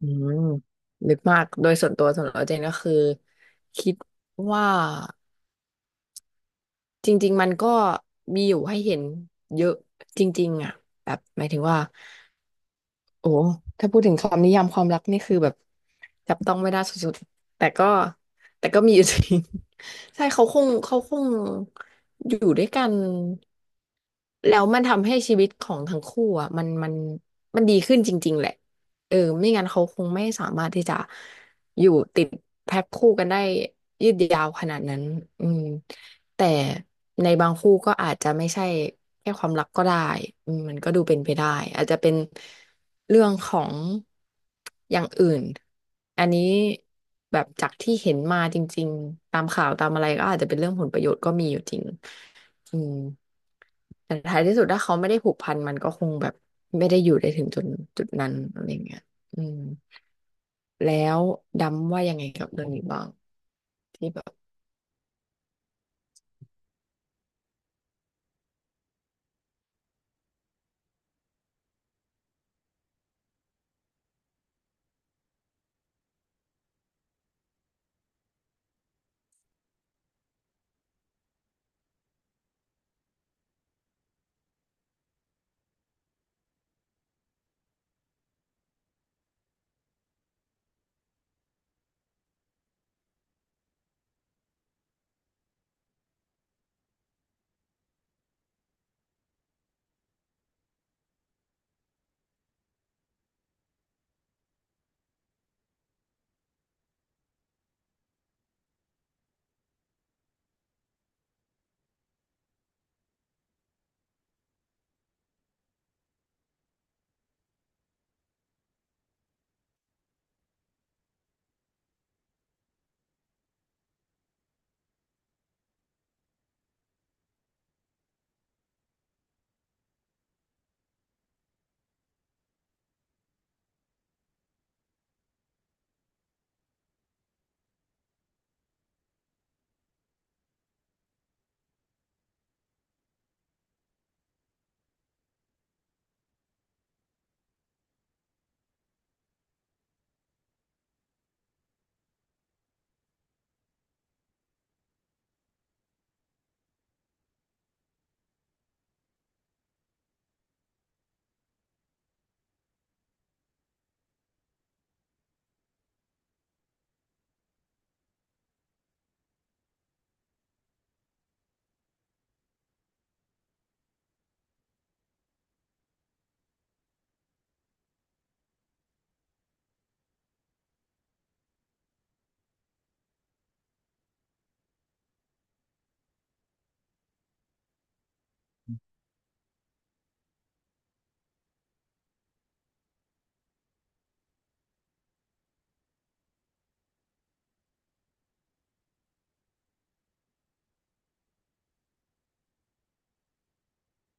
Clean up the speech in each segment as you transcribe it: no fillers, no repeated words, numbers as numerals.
อืมลึกมากโดยส่วนตัวเจนก็คือคิดว่าจริงๆมันก็มีอยู่ให้เห็นเยอะจริงๆอ่ะแบบหมายถึงว่าโอ้ถ้าพูดถึงคำนิยามความรักนี่คือแบบ จับต้องไม่ได้สุดๆ แต่ก็มีอยู่จริง ใช่เขาคงอยู่ด้วยกันแล้วมันทำให้ชีวิตของทั้งคู่อ่ะมันมันดีขึ้นจริงๆแหละเออไม่งั้นเขาคงไม่สามารถที่จะอยู่ติดแพ็คคู่กันได้ยืดยาวขนาดนั้นอืม แต่ในบางคู่ก็อาจจะไม่ใช่แค่ความรักก็ได้มันก็ดูเป็นไปได้อาจจะเป็นเรื่องของอย่างอื่นอันนี้แบบจากที่เห็นมาจริงๆตามข่าวตามอะไรก็อาจจะเป็นเรื่องผลประโยชน์ก็มีอยู่จริงอืมแต่ท้ายที่สุดถ้าเขาไม่ได้ผูกพันมันก็คงแบบไม่ได้อยู่ได้ถึงจุดนั้นอะไรเงี้ยอืมแล้วดำว่ายังไงกับเรื่องนี้บ้างที่แบบ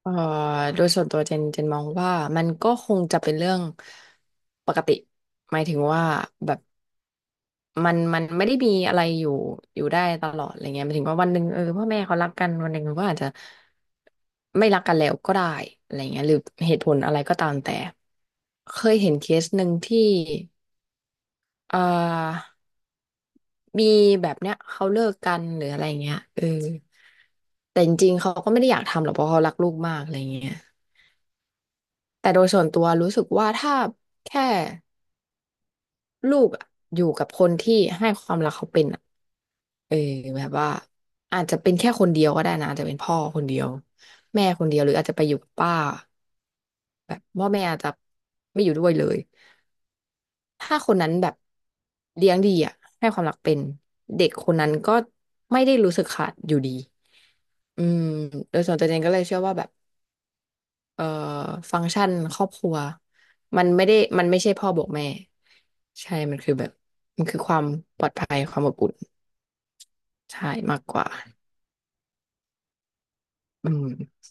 เอ่อโดยส่วนตัวเจนมองว่ามันก็คงจะเป็นเรื่องปกติหมายถึงว่าแบบมันไม่ได้มีอะไรอยู่ได้ตลอดอะไรเงี้ยหมายถึงว่าวันหนึ่งเออพ่อแม่เขารักกันวันหนึ่งก็อาจจะไม่รักกันแล้วก็ได้อะไรเงี้ยหรือเหตุผลอะไรก็ตามแต่เคยเห็นเคสหนึ่งที่เอ่อมีแบบเนี้ยเขาเลิกกันหรืออะไรเงี้ยเออแต่จริงๆเขาก็ไม่ได้อยากทำหรอกเพราะเขารักลูกมากอะไรเงี้ย แต่โดยส่วนตัวรู้สึกว่าถ้าแค่ลูกอะอยู่กับคนที่ให้ความรักเขาเป็นอะเออแบบว่าอาจจะเป็นแค่คนเดียวก็ได้นะอาจจะเป็นพ่อคนเดียวแม่คนเดียวหรืออาจจะไปอยู่กับป้าแบบพ่อแม่อาจจะไม่อยู่ด้วยเลยถ้าคนนั้นแบบเลี้ยงดีอ่ะให้ความรักเป็นเด็กคนนั้นก็ไม่ได้รู้สึกขาดอยู่ดีอืมโดยส่วนตัวเองก็เลยเชื่อว่าแบบ เอ่อฟังก์ชันครอบครัวมันไม่ใช่พ่อบอกแม่ใช่มันคือแบบมันคือความปลอดภัยความอบอุ่นใช่มากกว่าอืม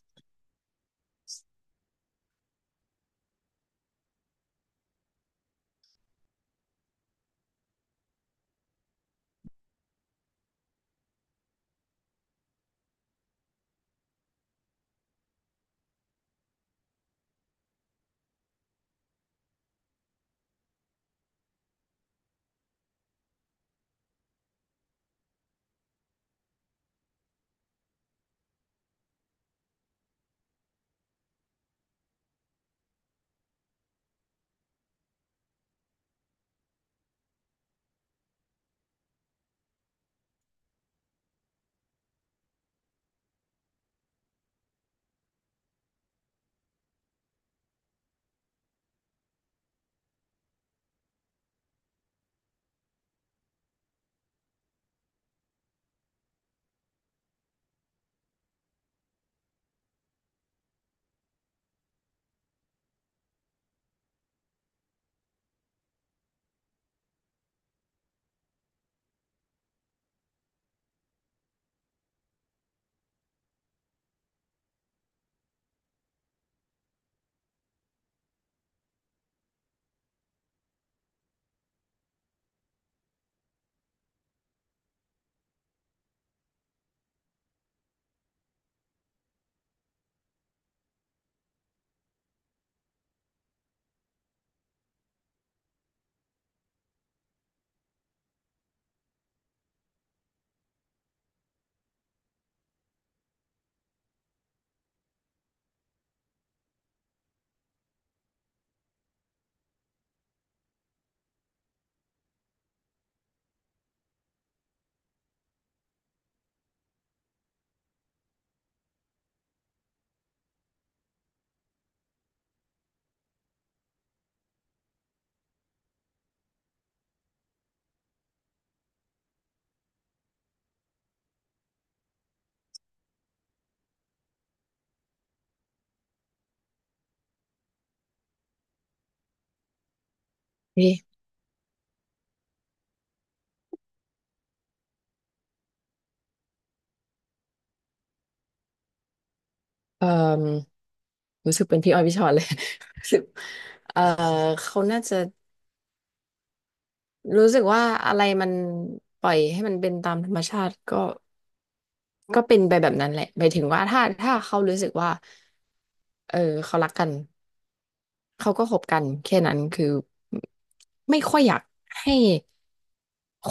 นี่เอ่อรู้สึกเป็นพี่ออยพี่ชอนเลย รู้สึกเอ่อเขาน่าจะรู้สึกว่าอะไรมันปล่อยให้มันเป็นตามธรรมชาติก็ก็เป็นไปแบบนั้นแหละหมายถึงว่าถ้าเขารู้สึกว่าเออเขารักกัน เขาก็คบกันแค่นั้นคือไม่ค่อยอยากให้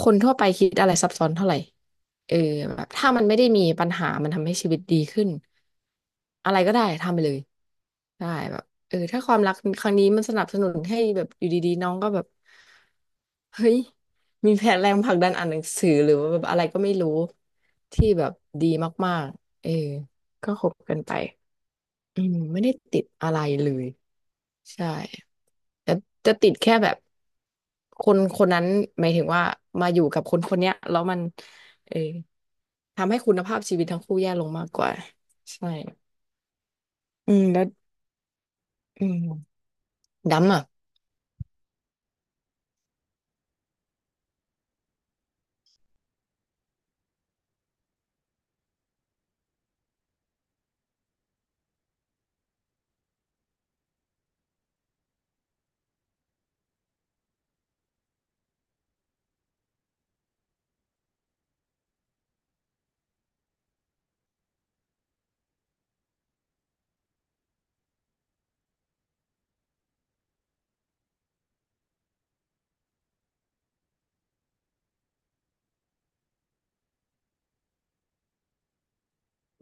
คนทั่วไปคิดอะไรซับซ้อนเท่าไหร่เออแบบถ้ามันไม่ได้มีปัญหามันทำให้ชีวิตดีขึ้นอะไรก็ได้ทำไปเลยได้แบบเออถ้าความรักครั้งนี้มันสนับสนุนให้แบบอยู่ดีๆน้องก็แบบเฮ้ยมีแผนแรงผลักดันอ่านหนังสือหรือว่าแบบอะไรก็ไม่รู้ที่แบบดีมากๆเออก็คบกันไปอืมไม่ได้ติดอะไรเลยใช่ แต่จะติดแค่แบบคนคนนั้นหมายถึงว่ามาอยู่กับคนคนเนี้ยแล้วมันเออทำให้คุณภาพชีวิตทั้งคู่แย่ลงมากกว่าใช่อืมแล้วอืมดำอ่ะ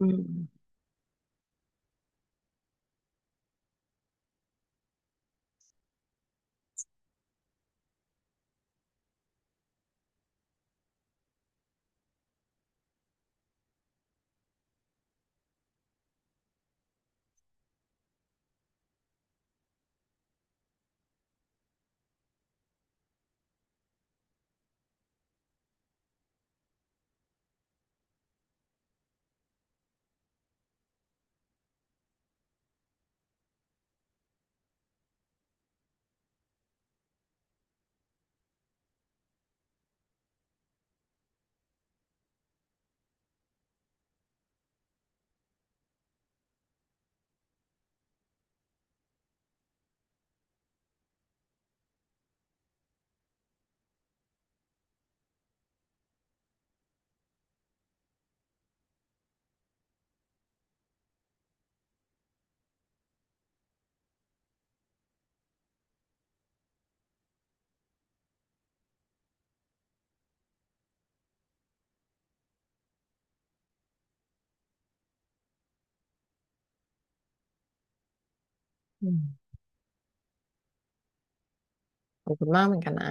อืมอืมขอบคุณมากเหมือนกันนะ